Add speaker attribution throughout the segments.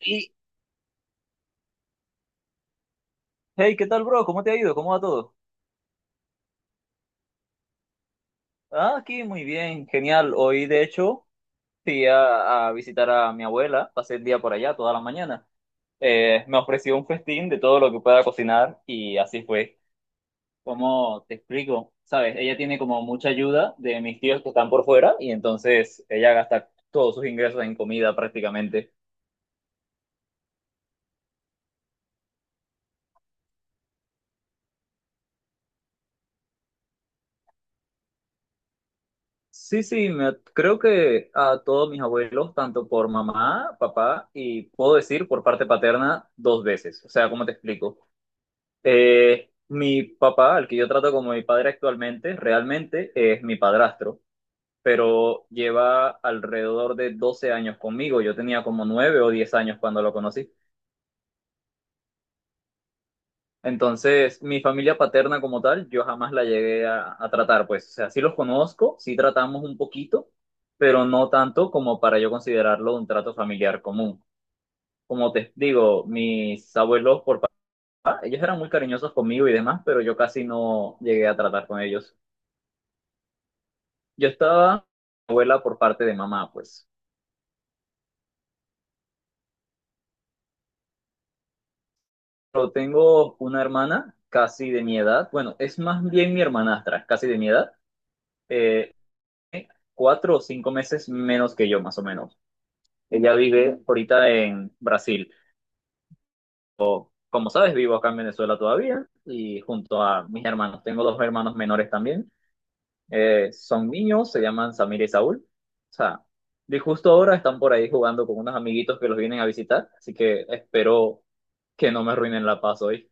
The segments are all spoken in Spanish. Speaker 1: Y, hey, ¿qué tal, bro? ¿Cómo te ha ido? ¿Cómo va todo? Ah, aquí muy bien, genial. Hoy, de hecho, fui a visitar a mi abuela, pasé el día por allá toda la mañana. Me ofreció un festín de todo lo que pueda cocinar y así fue. ¿Cómo te explico? Sabes, ella tiene como mucha ayuda de mis tíos que están por fuera y entonces ella gasta todos sus ingresos en comida prácticamente. Sí, sí, creo que a todos mis abuelos, tanto por mamá, papá y puedo decir por parte paterna, dos veces. O sea, ¿cómo te explico? Mi papá, al que yo trato como mi padre actualmente, realmente es mi padrastro, pero lleva alrededor de 12 años conmigo. Yo tenía como 9 o 10 años cuando lo conocí. Entonces, mi familia paterna como tal, yo jamás la llegué a tratar, pues, o sea, sí los conozco, sí tratamos un poquito, pero no tanto como para yo considerarlo un trato familiar común. Como te digo, mis abuelos por papá, ellos eran muy cariñosos conmigo y demás, pero yo casi no llegué a tratar con ellos. Yo estaba abuela por parte de mamá, pues. Pero tengo una hermana casi de mi edad, bueno, es más bien mi hermanastra, casi de mi edad, eh, 4 o 5 meses menos que yo, más o menos. Ella vive ahorita en Brasil. Como sabes, vivo acá en Venezuela todavía y junto a mis hermanos. Tengo dos hermanos menores también. Son niños, se llaman Samir y Saúl. O sea, de justo ahora están por ahí jugando con unos amiguitos que los vienen a visitar. Así que espero que no me arruinen la paz hoy.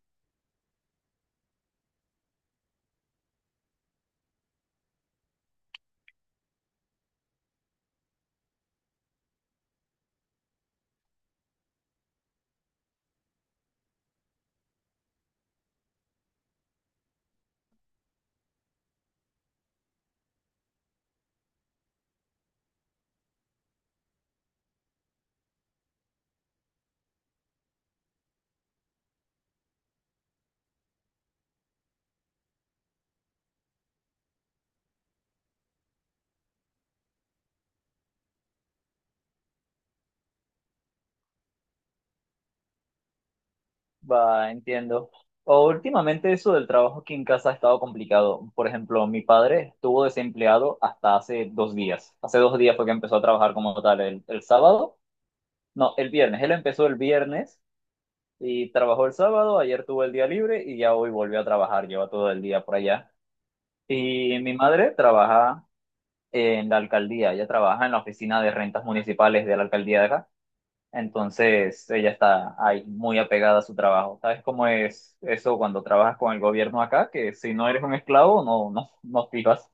Speaker 1: Va, entiendo. O últimamente eso del trabajo aquí en casa ha estado complicado. Por ejemplo, mi padre estuvo desempleado hasta hace 2 días. Hace dos días fue que empezó a trabajar como tal el sábado. No, el viernes. Él empezó el viernes y trabajó el sábado. Ayer tuvo el día libre y ya hoy volvió a trabajar. Lleva todo el día por allá. Y mi madre trabaja en la alcaldía. Ella trabaja en la oficina de rentas municipales de la alcaldía de acá. Entonces, ella está ahí muy apegada a su trabajo. ¿Sabes cómo es eso cuando trabajas con el gobierno acá? Que si no eres un esclavo, no, no, no vivas.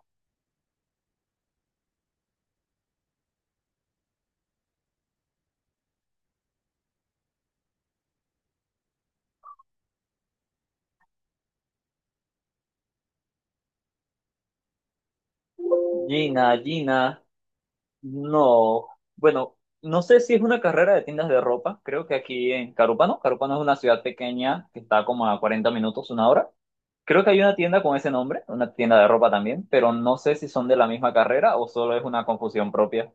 Speaker 1: Gina, Gina. No, bueno, no sé si es una carrera de tiendas de ropa, creo que aquí en Carúpano, Carúpano es una ciudad pequeña que está como a 40 minutos, una hora. Creo que hay una tienda con ese nombre, una tienda de ropa también, pero no sé si son de la misma carrera o solo es una confusión propia.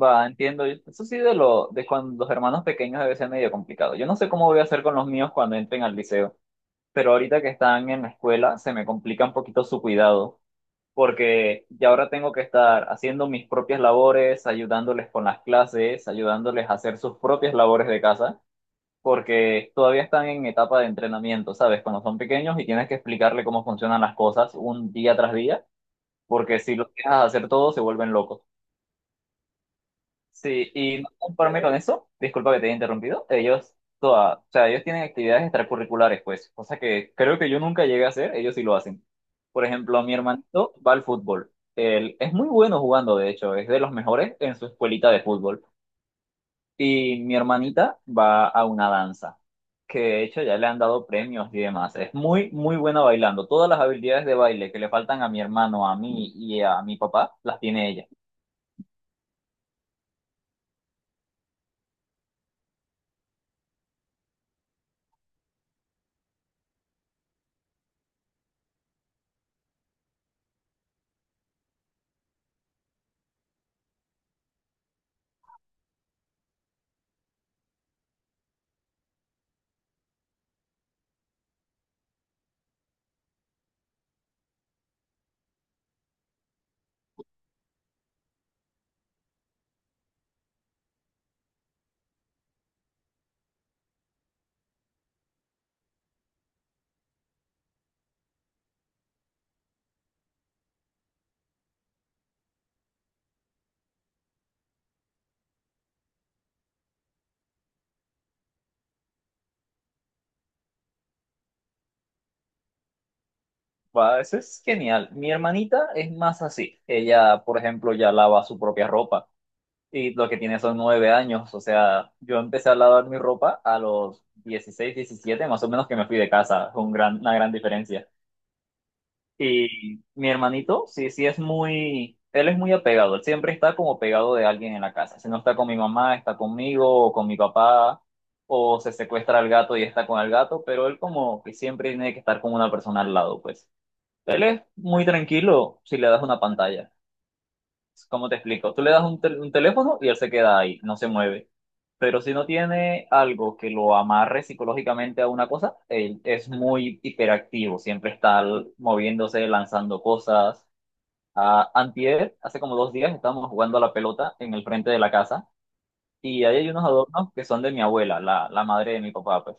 Speaker 1: Va, entiendo. Eso sí de lo de cuando los hermanos pequeños debe ser medio complicado. Yo no sé cómo voy a hacer con los míos cuando entren al liceo, pero ahorita que están en la escuela se me complica un poquito su cuidado, porque ya ahora tengo que estar haciendo mis propias labores, ayudándoles con las clases, ayudándoles a hacer sus propias labores de casa, porque todavía están en etapa de entrenamiento, ¿sabes? Cuando son pequeños y tienes que explicarle cómo funcionan las cosas un día tras día, porque si los dejas hacer todo, se vuelven locos. Sí, y no conforme con eso, disculpa que te haya interrumpido, ellos, toda, o sea, ellos tienen actividades extracurriculares, pues, cosa que creo que yo nunca llegué a hacer, ellos sí lo hacen. Por ejemplo, mi hermanito va al fútbol. Él es muy bueno jugando, de hecho, es de los mejores en su escuelita de fútbol. Y mi hermanita va a una danza, que de hecho ya le han dado premios y demás. Es muy, muy buena bailando. Todas las habilidades de baile que le faltan a mi hermano, a mí y a mi papá, las tiene ella. Va, eso es genial. Mi hermanita es más así. Ella, por ejemplo, ya lava su propia ropa y lo que tiene son 9 años. O sea, yo empecé a lavar mi ropa a los 16, 17 más o menos que me fui de casa. Fue un gran, una gran diferencia. Y mi hermanito, sí, sí es muy, él es muy apegado. Él siempre está como pegado de alguien en la casa. Si no está con mi mamá, está conmigo o con mi papá. O se secuestra al gato y está con el gato, pero él como que siempre tiene que estar con una persona al lado, pues. Él es muy tranquilo si le das una pantalla. ¿Cómo te explico? Tú le das un, un teléfono y él se queda ahí, no se mueve. Pero si no tiene algo que lo amarre psicológicamente a una cosa, él es muy hiperactivo, siempre está moviéndose, lanzando cosas. Ah, antier, hace como 2 días, estábamos jugando a la pelota en el frente de la casa y ahí hay unos adornos que son de mi abuela, la madre de mi papá, pues.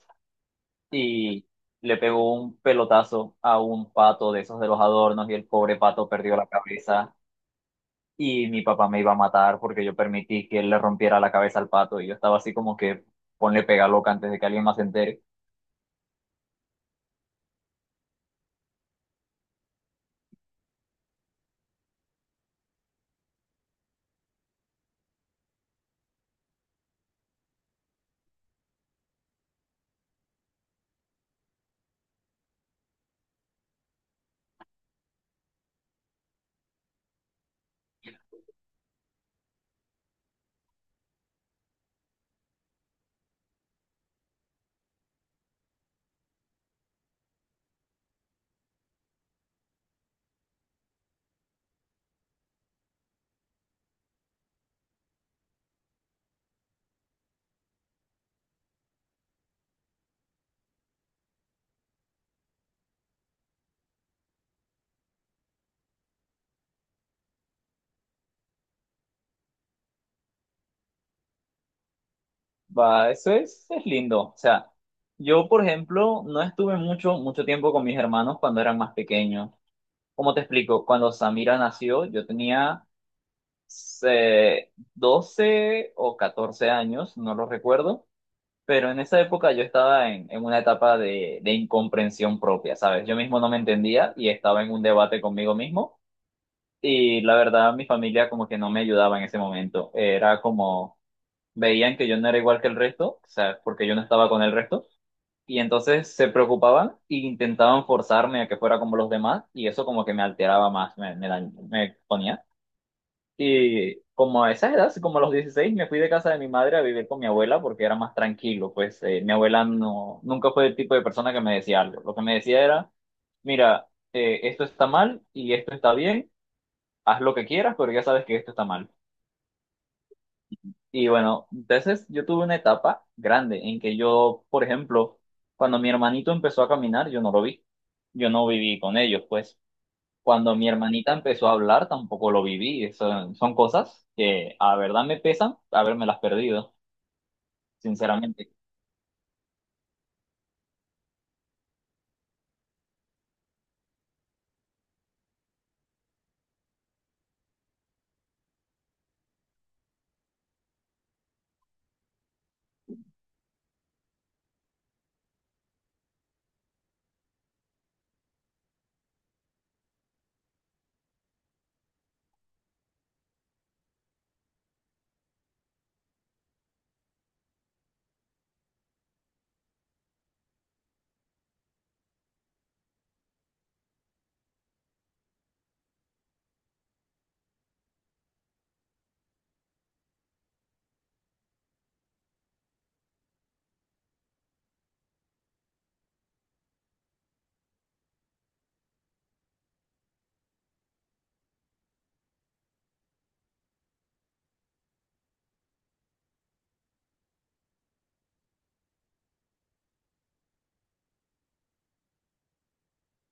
Speaker 1: Y le pegó un pelotazo a un pato de esos de los adornos y el pobre pato perdió la cabeza. Y mi papá me iba a matar porque yo permití que él le rompiera la cabeza al pato y yo estaba así como que ponle pega loca antes de que alguien más se entere. Va, eso es lindo. O sea, yo, por ejemplo, no estuve mucho, mucho tiempo con mis hermanos cuando eran más pequeños. ¿Cómo te explico? Cuando Samira nació, yo tenía 12 o 14 años, no lo recuerdo. Pero en esa época yo estaba en una etapa de incomprensión propia, ¿sabes? Yo mismo no me entendía y estaba en un debate conmigo mismo. Y la verdad, mi familia como que no me ayudaba en ese momento. Era como, veían que yo no era igual que el resto, o sea, porque yo no estaba con el resto. Y entonces se preocupaban e intentaban forzarme a que fuera como los demás. Y eso como que me alteraba más, me ponía. Y como a esa edad, como a los 16 me fui de casa de mi madre a vivir con mi abuela porque era más tranquilo. Pues mi abuela no, nunca fue el tipo de persona que me decía algo. Lo que me decía era, mira, esto está mal y esto está bien, haz lo que quieras, pero ya sabes que esto está mal. Y bueno, entonces yo tuve una etapa grande en que yo, por ejemplo, cuando mi hermanito empezó a caminar, yo no lo vi. Yo no viví con ellos, pues. Cuando mi hermanita empezó a hablar, tampoco lo viví. Son cosas que a verdad me pesan haberme las perdido, sinceramente.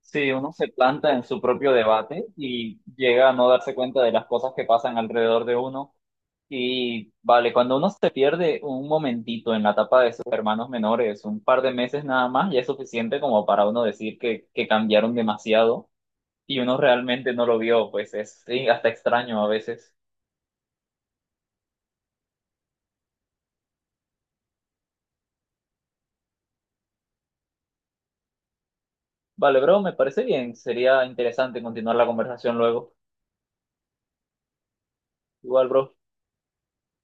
Speaker 1: Sí, uno se planta en su propio debate y llega a no darse cuenta de las cosas que pasan alrededor de uno. Y vale, cuando uno se pierde un momentito en la etapa de sus hermanos menores, un par de meses nada más, ya es suficiente como para uno decir que cambiaron demasiado y uno realmente no lo vio, pues es sí, hasta extraño a veces. Vale, bro, me parece bien, sería interesante continuar la conversación luego. Igual, bro.